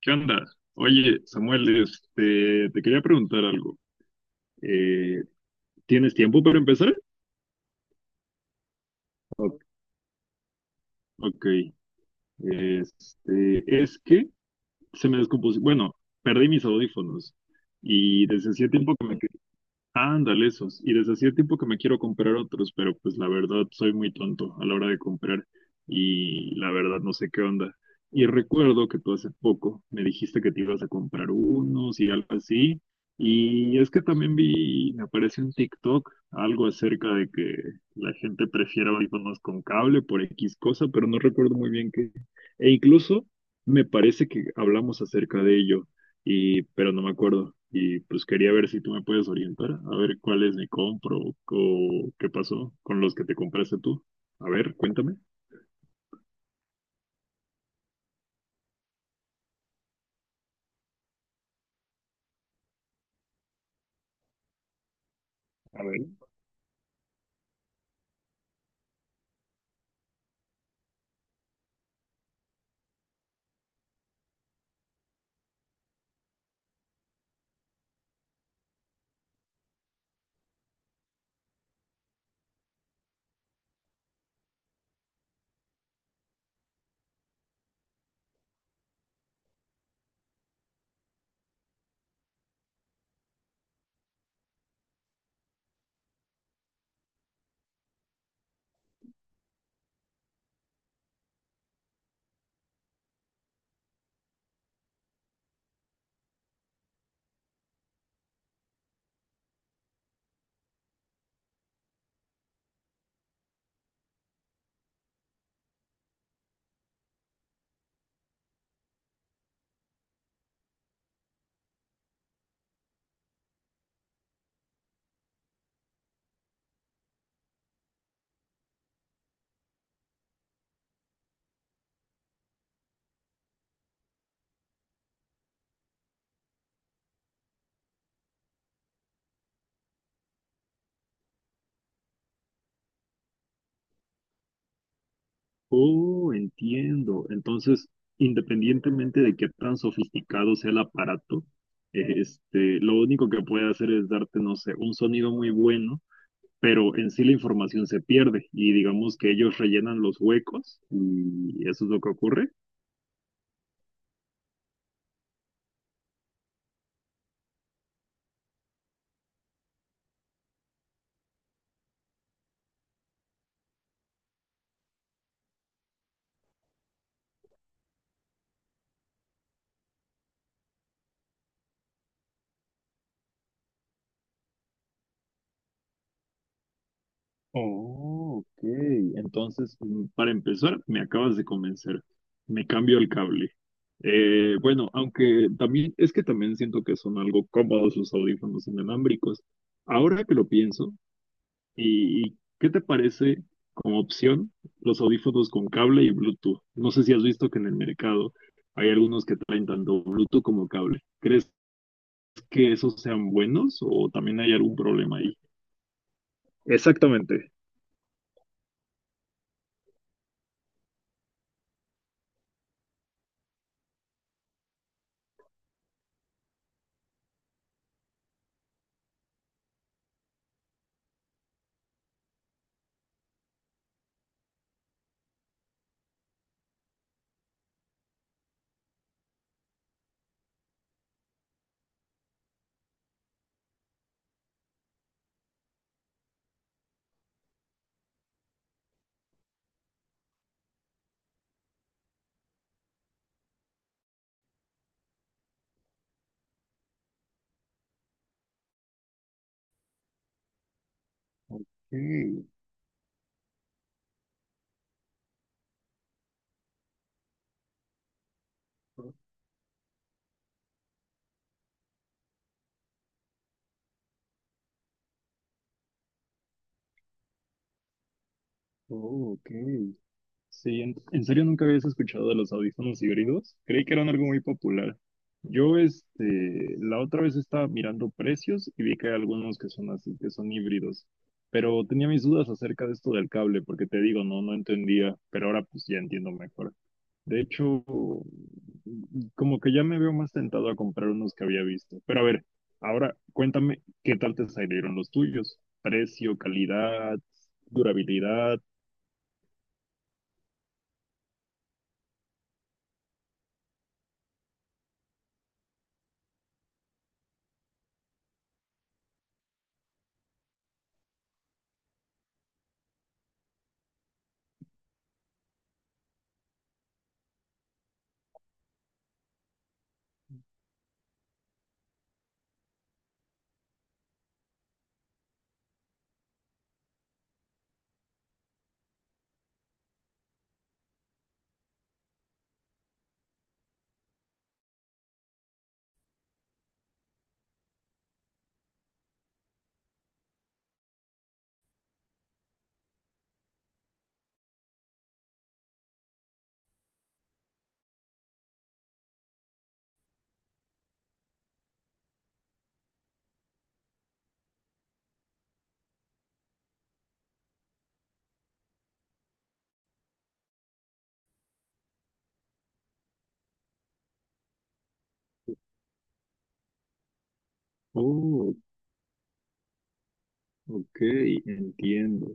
¿Qué onda? Oye, Samuel, te quería preguntar algo. Eh, ¿Tienes tiempo para empezar? O- Ok. Es que se me descompuso. Bueno, perdí mis audífonos y desde hacía tiempo que me. Ándale, esos. Y desde hacía tiempo que me quiero comprar otros, pero pues la verdad soy muy tonto a la hora de comprar y la verdad no sé qué onda. Y recuerdo que tú hace poco me dijiste que te ibas a comprar unos y algo así. Y es que también vi, me aparece en TikTok algo acerca de que la gente prefiere audífonos con cable por X cosa, pero no recuerdo muy bien qué. E incluso me parece que hablamos acerca de ello pero no me acuerdo. Y pues quería ver si tú me puedes orientar, a ver cuáles me compro o qué pasó con los que te compraste tú. A ver, cuéntame. A ver. Oh, entiendo. Entonces, independientemente de qué tan sofisticado sea el aparato, lo único que puede hacer es darte, no sé, un sonido muy bueno, pero en sí la información se pierde y digamos que ellos rellenan los huecos y eso es lo que ocurre. Oh, ok. Entonces, para empezar, me acabas de convencer. Me cambio el cable. Bueno, aunque también es que también siento que son algo cómodos los audífonos inalámbricos. Ahora que lo pienso, ¿y qué te parece como opción los audífonos con cable y Bluetooth? No sé si has visto que en el mercado hay algunos que traen tanto Bluetooth como cable. ¿Crees que esos sean buenos o también hay algún problema ahí? Exactamente. Ok. Oh, ok. Sí, en serio nunca habías escuchado de los audífonos híbridos. Creí que eran algo muy popular. Yo, la otra vez estaba mirando precios y vi que hay algunos que son así, que son híbridos. Pero tenía mis dudas acerca de esto del cable, porque te digo, no, no entendía, pero ahora pues ya entiendo mejor. De hecho, como que ya me veo más tentado a comprar unos que había visto. Pero a ver, ahora cuéntame qué tal te salieron los tuyos. Precio, calidad, durabilidad. Oh, ok, entiendo.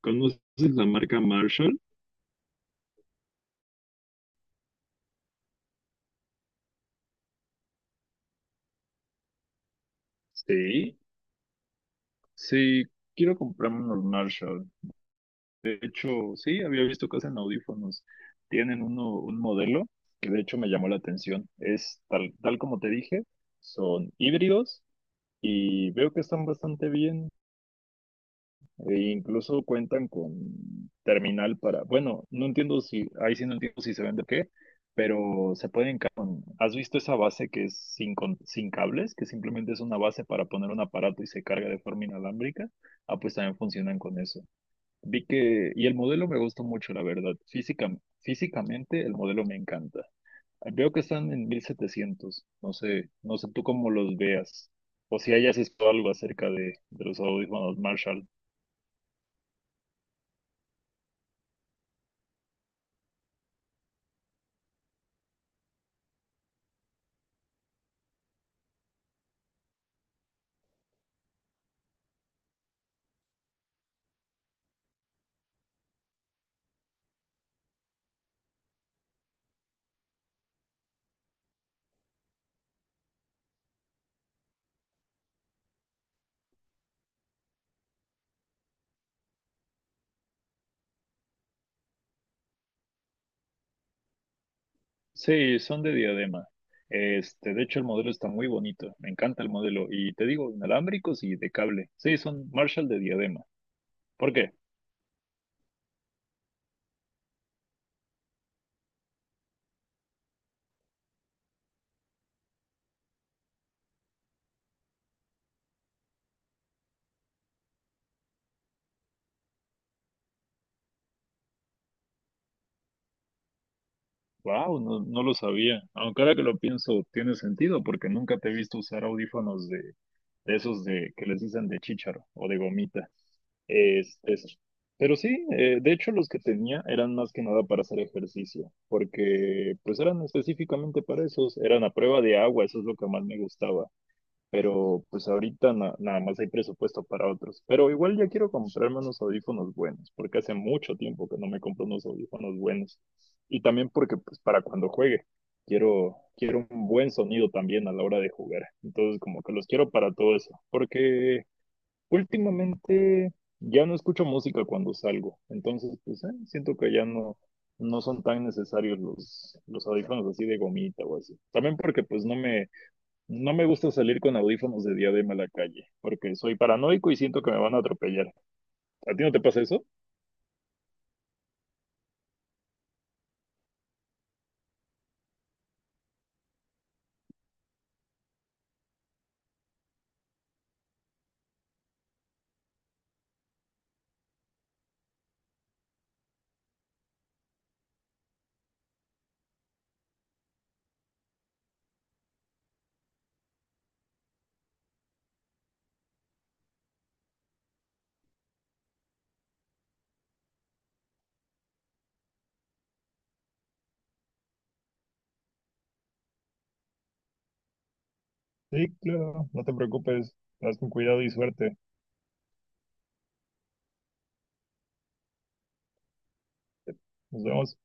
¿Conoces la marca Marshall? Sí, sí, quiero comprarme unos Marshall. De hecho, sí, había visto que hacen audífonos. Tienen un modelo que de hecho me llamó la atención. Es tal, tal como te dije, son híbridos y veo que están bastante bien. E incluso cuentan con terminal para, bueno, no entiendo si, ahí sí no entiendo si se vende o qué, pero se pueden, ¿has visto esa base que es sin cables, que simplemente es una base para poner un aparato y se carga de forma inalámbrica? Ah, pues también funcionan con eso. Vi que, y el modelo me gustó mucho, la verdad. Físicamente el modelo me encanta. Veo que están en 1,700, no sé, no sé tú cómo los veas, o si hayas visto algo acerca de, los audífonos Marshall. Sí, son de diadema. De hecho, el modelo está muy bonito. Me encanta el modelo. Y te digo, inalámbricos y de cable. Sí, son Marshall de diadema. ¿Por qué? Wow, no, no lo sabía. Aunque ahora que lo pienso, tiene sentido porque nunca te he visto usar audífonos de esos de que les dicen de chícharo o de gomita. Es, es- Pero sí, de hecho, los que tenía eran más que nada para hacer ejercicio, porque pues eran específicamente para esos, eran a prueba de agua, eso es lo que más me gustaba, pero pues ahorita nada más hay presupuesto para otros. Pero igual ya quiero comprarme unos audífonos buenos, porque hace mucho tiempo que no me compro unos audífonos buenos. Y también porque pues para cuando juegue, quiero un buen sonido también a la hora de jugar. Entonces como que los quiero para todo eso, porque últimamente ya no escucho música cuando salgo. Entonces pues siento que ya no. No son tan necesarios los audífonos así de gomita o así. También porque pues no me gusta salir con audífonos de diadema a la calle, porque soy paranoico y siento que me van a atropellar. ¿A ti no te pasa eso? Sí, claro, no te preocupes. Vas con cuidado y suerte. Nos vemos.